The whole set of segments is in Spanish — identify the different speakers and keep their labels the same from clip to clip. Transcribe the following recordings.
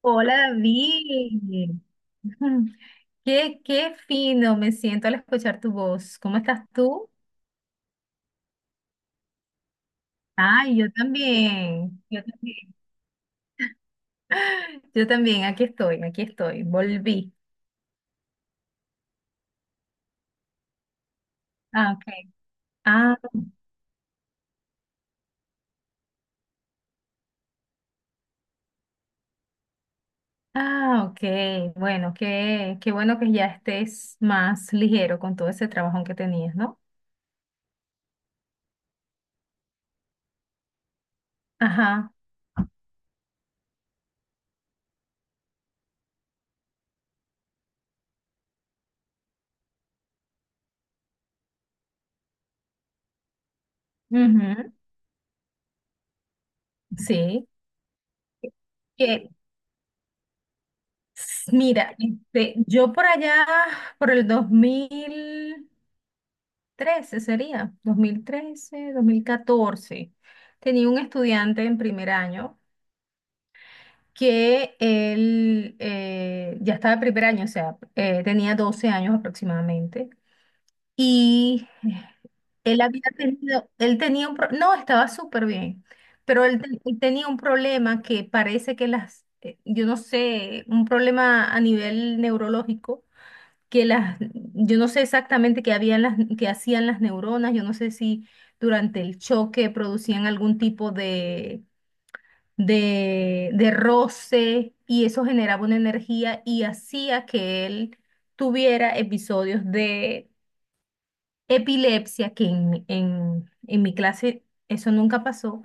Speaker 1: Hola David, qué fino me siento al escuchar tu voz. ¿Cómo estás tú? Ay, yo también, yo también. Yo también, aquí estoy, volví. Ah, ok. Ah, ah, ok. Bueno, qué bueno que ya estés más ligero con todo ese trabajo que tenías, ¿no? Ajá. Ujú, sí. Que, Mira, este, yo por allá, por el 2013 sería, 2013 2014. Tenía un estudiante en primer año que él ya estaba en primer año, o sea, tenía 12 años aproximadamente. Y él tenía no, estaba súper bien, pero él tenía un problema que parece que yo no sé, un problema a nivel neurológico, que yo no sé exactamente qué hacían las neuronas. Yo no sé si durante el choque producían algún tipo de roce y eso generaba una energía y hacía que él tuviera episodios de epilepsia, que en mi clase eso nunca pasó,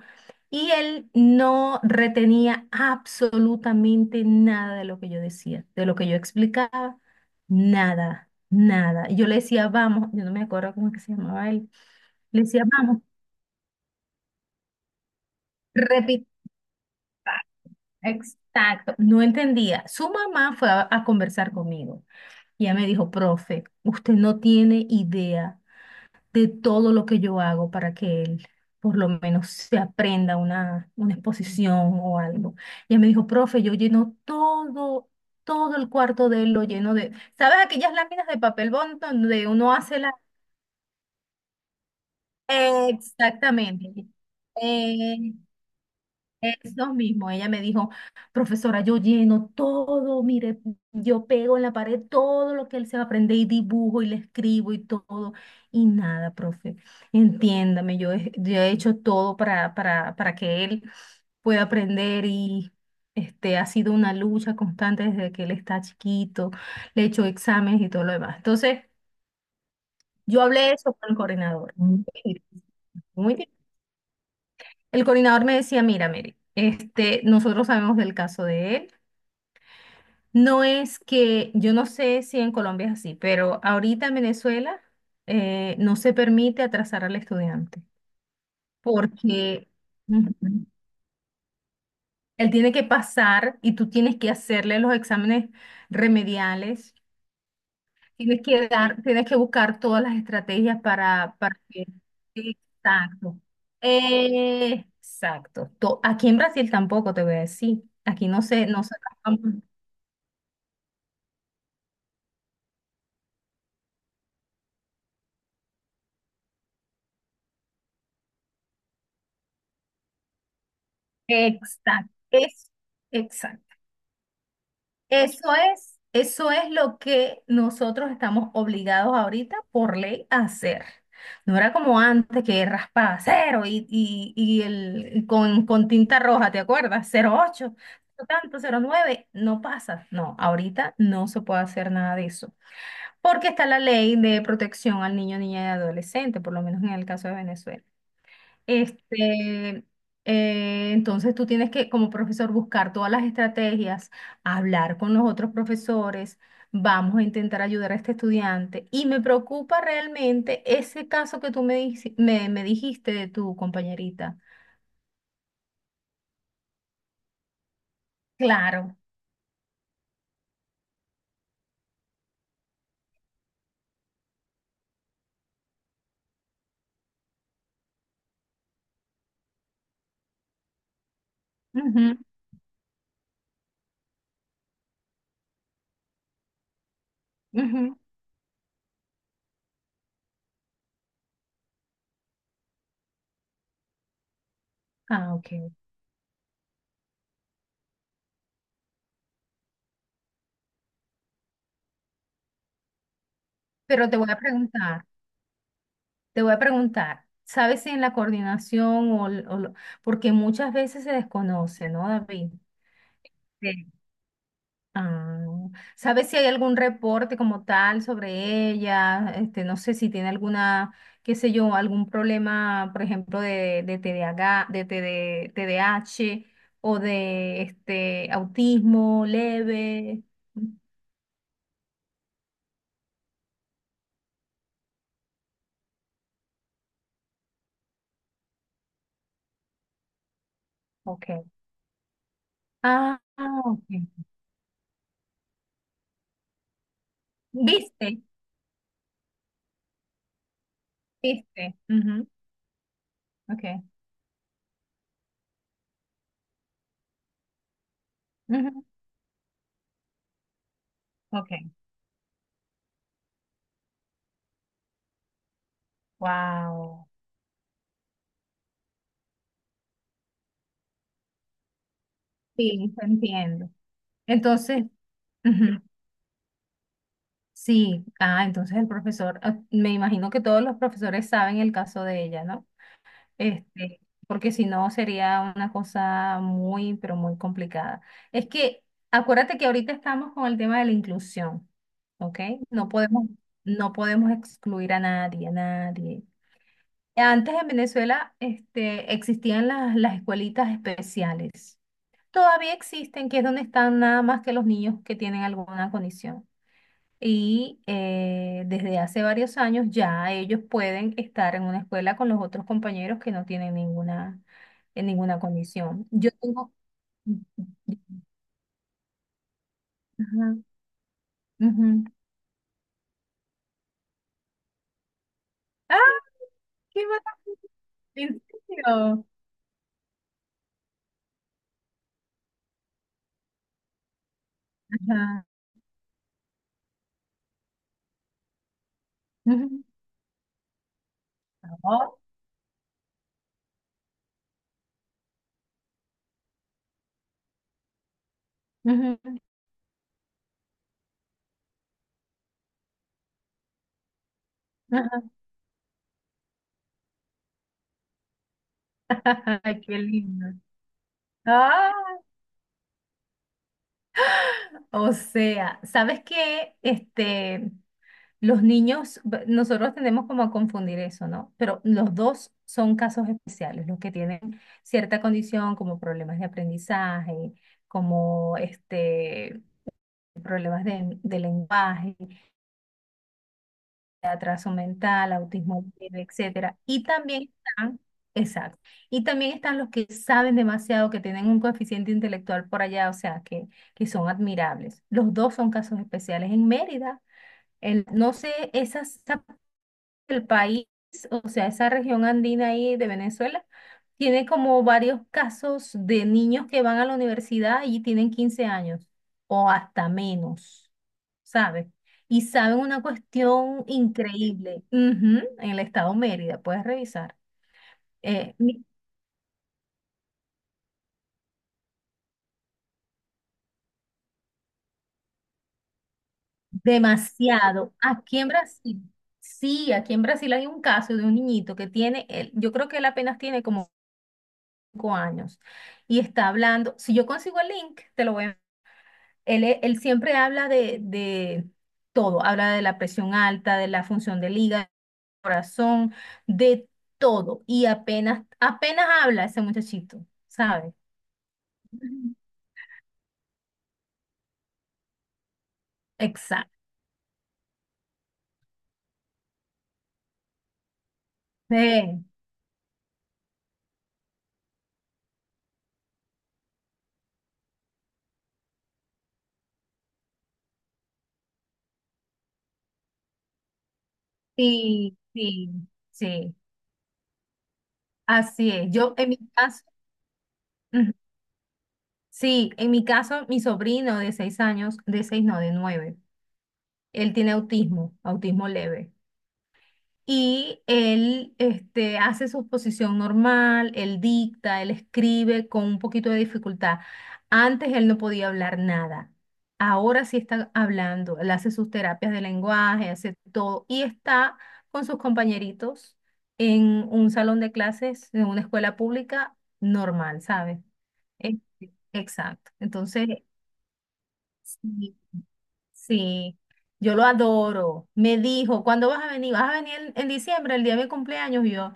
Speaker 1: y él no retenía absolutamente nada de lo que yo decía, de lo que yo explicaba, nada, nada. Y yo le decía, vamos, yo no me acuerdo cómo es que se llamaba él, le decía, vamos, repite. Exacto, no entendía. Su mamá fue a conversar conmigo y ella me dijo, profe, usted no tiene idea de todo lo que yo hago para que él por lo menos se aprenda una exposición o algo. Y él me dijo, profe, yo lleno todo, todo el cuarto de él lo lleno de, ¿sabes aquellas láminas de papel bond donde uno hace la? Exactamente. Eh, Eso mismo, ella me dijo, profesora, yo lleno todo, mire, yo pego en la pared todo lo que él se va a aprender, y dibujo y le escribo y todo, y nada, profe, entiéndame, yo he hecho todo para que él pueda aprender y, este, ha sido una lucha constante desde que él está chiquito, le he hecho exámenes y todo lo demás. Entonces, yo hablé eso con el coordinador. Mm. Muy bien. El coordinador me decía, mira, Mary, este, nosotros sabemos del caso de él. No es que, yo no sé si en Colombia es así, pero ahorita en Venezuela no se permite atrasar al estudiante porque, ujú, él tiene que pasar y tú tienes que hacerle los exámenes remediales, tienes que dar, tienes que buscar todas las estrategias para que... Exacto. Exacto. Aquí en Brasil tampoco te voy a decir. Aquí no se. Exacto. Exacto. Eso es lo que nosotros estamos obligados ahorita por ley a hacer. No era como antes que raspaba cero y con tinta roja, ¿te acuerdas? 08, no tanto, 09, no pasa. No, ahorita no se puede hacer nada de eso, porque está la ley de protección al niño, niña y adolescente, por lo menos en el caso de Venezuela. Este, entonces tú tienes que, como profesor, buscar todas las estrategias, hablar con los otros profesores, vamos a intentar ayudar a este estudiante. Y me preocupa realmente ese caso que tú me dijiste de tu compañerita. Claro. Ujú, ujú. Ah, ok. Pero te voy a preguntar, ¿sabes si en la coordinación o, l- o lo- porque muchas veces se desconoce, ¿no, David? Ah, ¿sabes si hay algún reporte como tal sobre ella? Este, no sé si tiene alguna, qué sé yo, algún problema, por ejemplo, de TDAH, de TD TDAH o de este autismo leve. Ok. Ah, ah, ok. ¿Viste? ¿Viste? Ujú, ok. Ujú, ok. Wow. Sí, te entiendo. Entonces, ujú. Sí, ah, entonces el profesor, ah, me imagino que todos los profesores saben el caso de ella, ¿no? Este, porque si no sería una cosa muy, pero muy complicada. Es que acuérdate que ahorita estamos con el tema de la inclusión, ¿ok? No podemos, no podemos excluir a nadie, a nadie. Antes en Venezuela, este, existían las escuelitas especiales. Todavía existen, que es donde están nada más que los niños que tienen alguna condición. Y desde hace varios años ya ellos pueden estar en una escuela con los otros compañeros que no tienen ninguna, en ninguna condición. Yo tengo. Ajá, ujú. ¡Ah, qué maravilla! ¿En serio? Ajá, ujú. Oh, ujú. Ajá, ay, qué lindo. Ah, o sea, ¿sabes qué? Este. Los niños, nosotros tendemos como a confundir eso, ¿no? Pero los dos son casos especiales, los que tienen cierta condición como problemas de aprendizaje, como este, problemas de lenguaje, de atraso mental, autismo leve, etcétera. Y también están, exacto, y también están los que saben demasiado, que tienen un coeficiente intelectual por allá, o sea, que son admirables. Los dos son casos especiales en Mérida. No sé, esas, el país, o sea, esa región andina ahí de Venezuela, tiene como varios casos de niños que van a la universidad y tienen 15 años o hasta menos, ¿sabes? Y saben una cuestión increíble. Ujú, en el estado Mérida, puedes revisar. Eh, mi- Demasiado. Aquí en Brasil, sí, aquí en Brasil hay un caso de un niñito que tiene, yo creo que él apenas tiene como 5 años y está hablando. Si yo consigo el link, te lo voy a. Él siempre habla de todo, habla de la presión alta, de la función del hígado, del corazón, de todo. Y apenas, apenas habla ese muchachito, ¿sabes? Ujú. Exacto. Eh, Sí, sí, sí, así es. Yo en mi caso, ujú, sí, en mi caso, mi sobrino de 6 años, de seis, no, de nueve, él tiene autismo, autismo leve. Y él, este, hace su posición normal, él dicta, él escribe con un poquito de dificultad. Antes él no podía hablar nada. Ahora sí está hablando. Él hace sus terapias de lenguaje, hace todo. Y está con sus compañeritos en un salón de clases, en una escuela pública normal, ¿sabes? Este, exacto. Entonces, sí, sí. Yo lo adoro. Me dijo, ¿cuándo vas a venir? ¿Vas a venir en, diciembre, el día de mi cumpleaños? Y yo,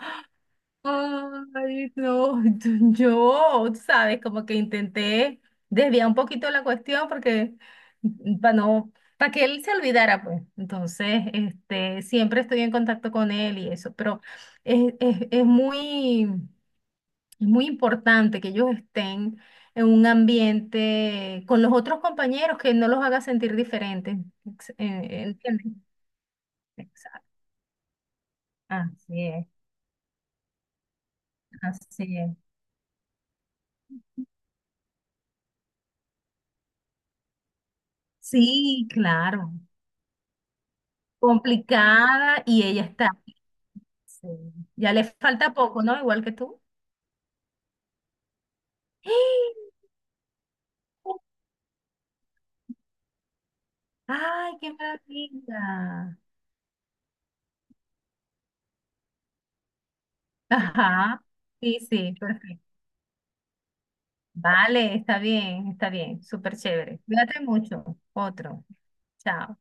Speaker 1: ay, no, yo, tú sabes, como que intenté desviar un poquito la cuestión porque para no, para que él se olvidara, pues. Entonces, este, siempre estoy en contacto con él y eso, pero es, es, es muy, es muy importante que ellos estén en un ambiente con los otros compañeros que no los haga sentir diferentes. ¿Entiendes? Exacto. Así es, así es. Sí, claro. Complicada y ella está. Sí. Ya le falta poco, ¿no? Igual que tú. ¡Ah! ¡Ay, qué maravilla! Ajá. Sí, sí, perfecto. Vale, está bien, está bien. Súper chévere. Cuídate mucho. Otro. Chao.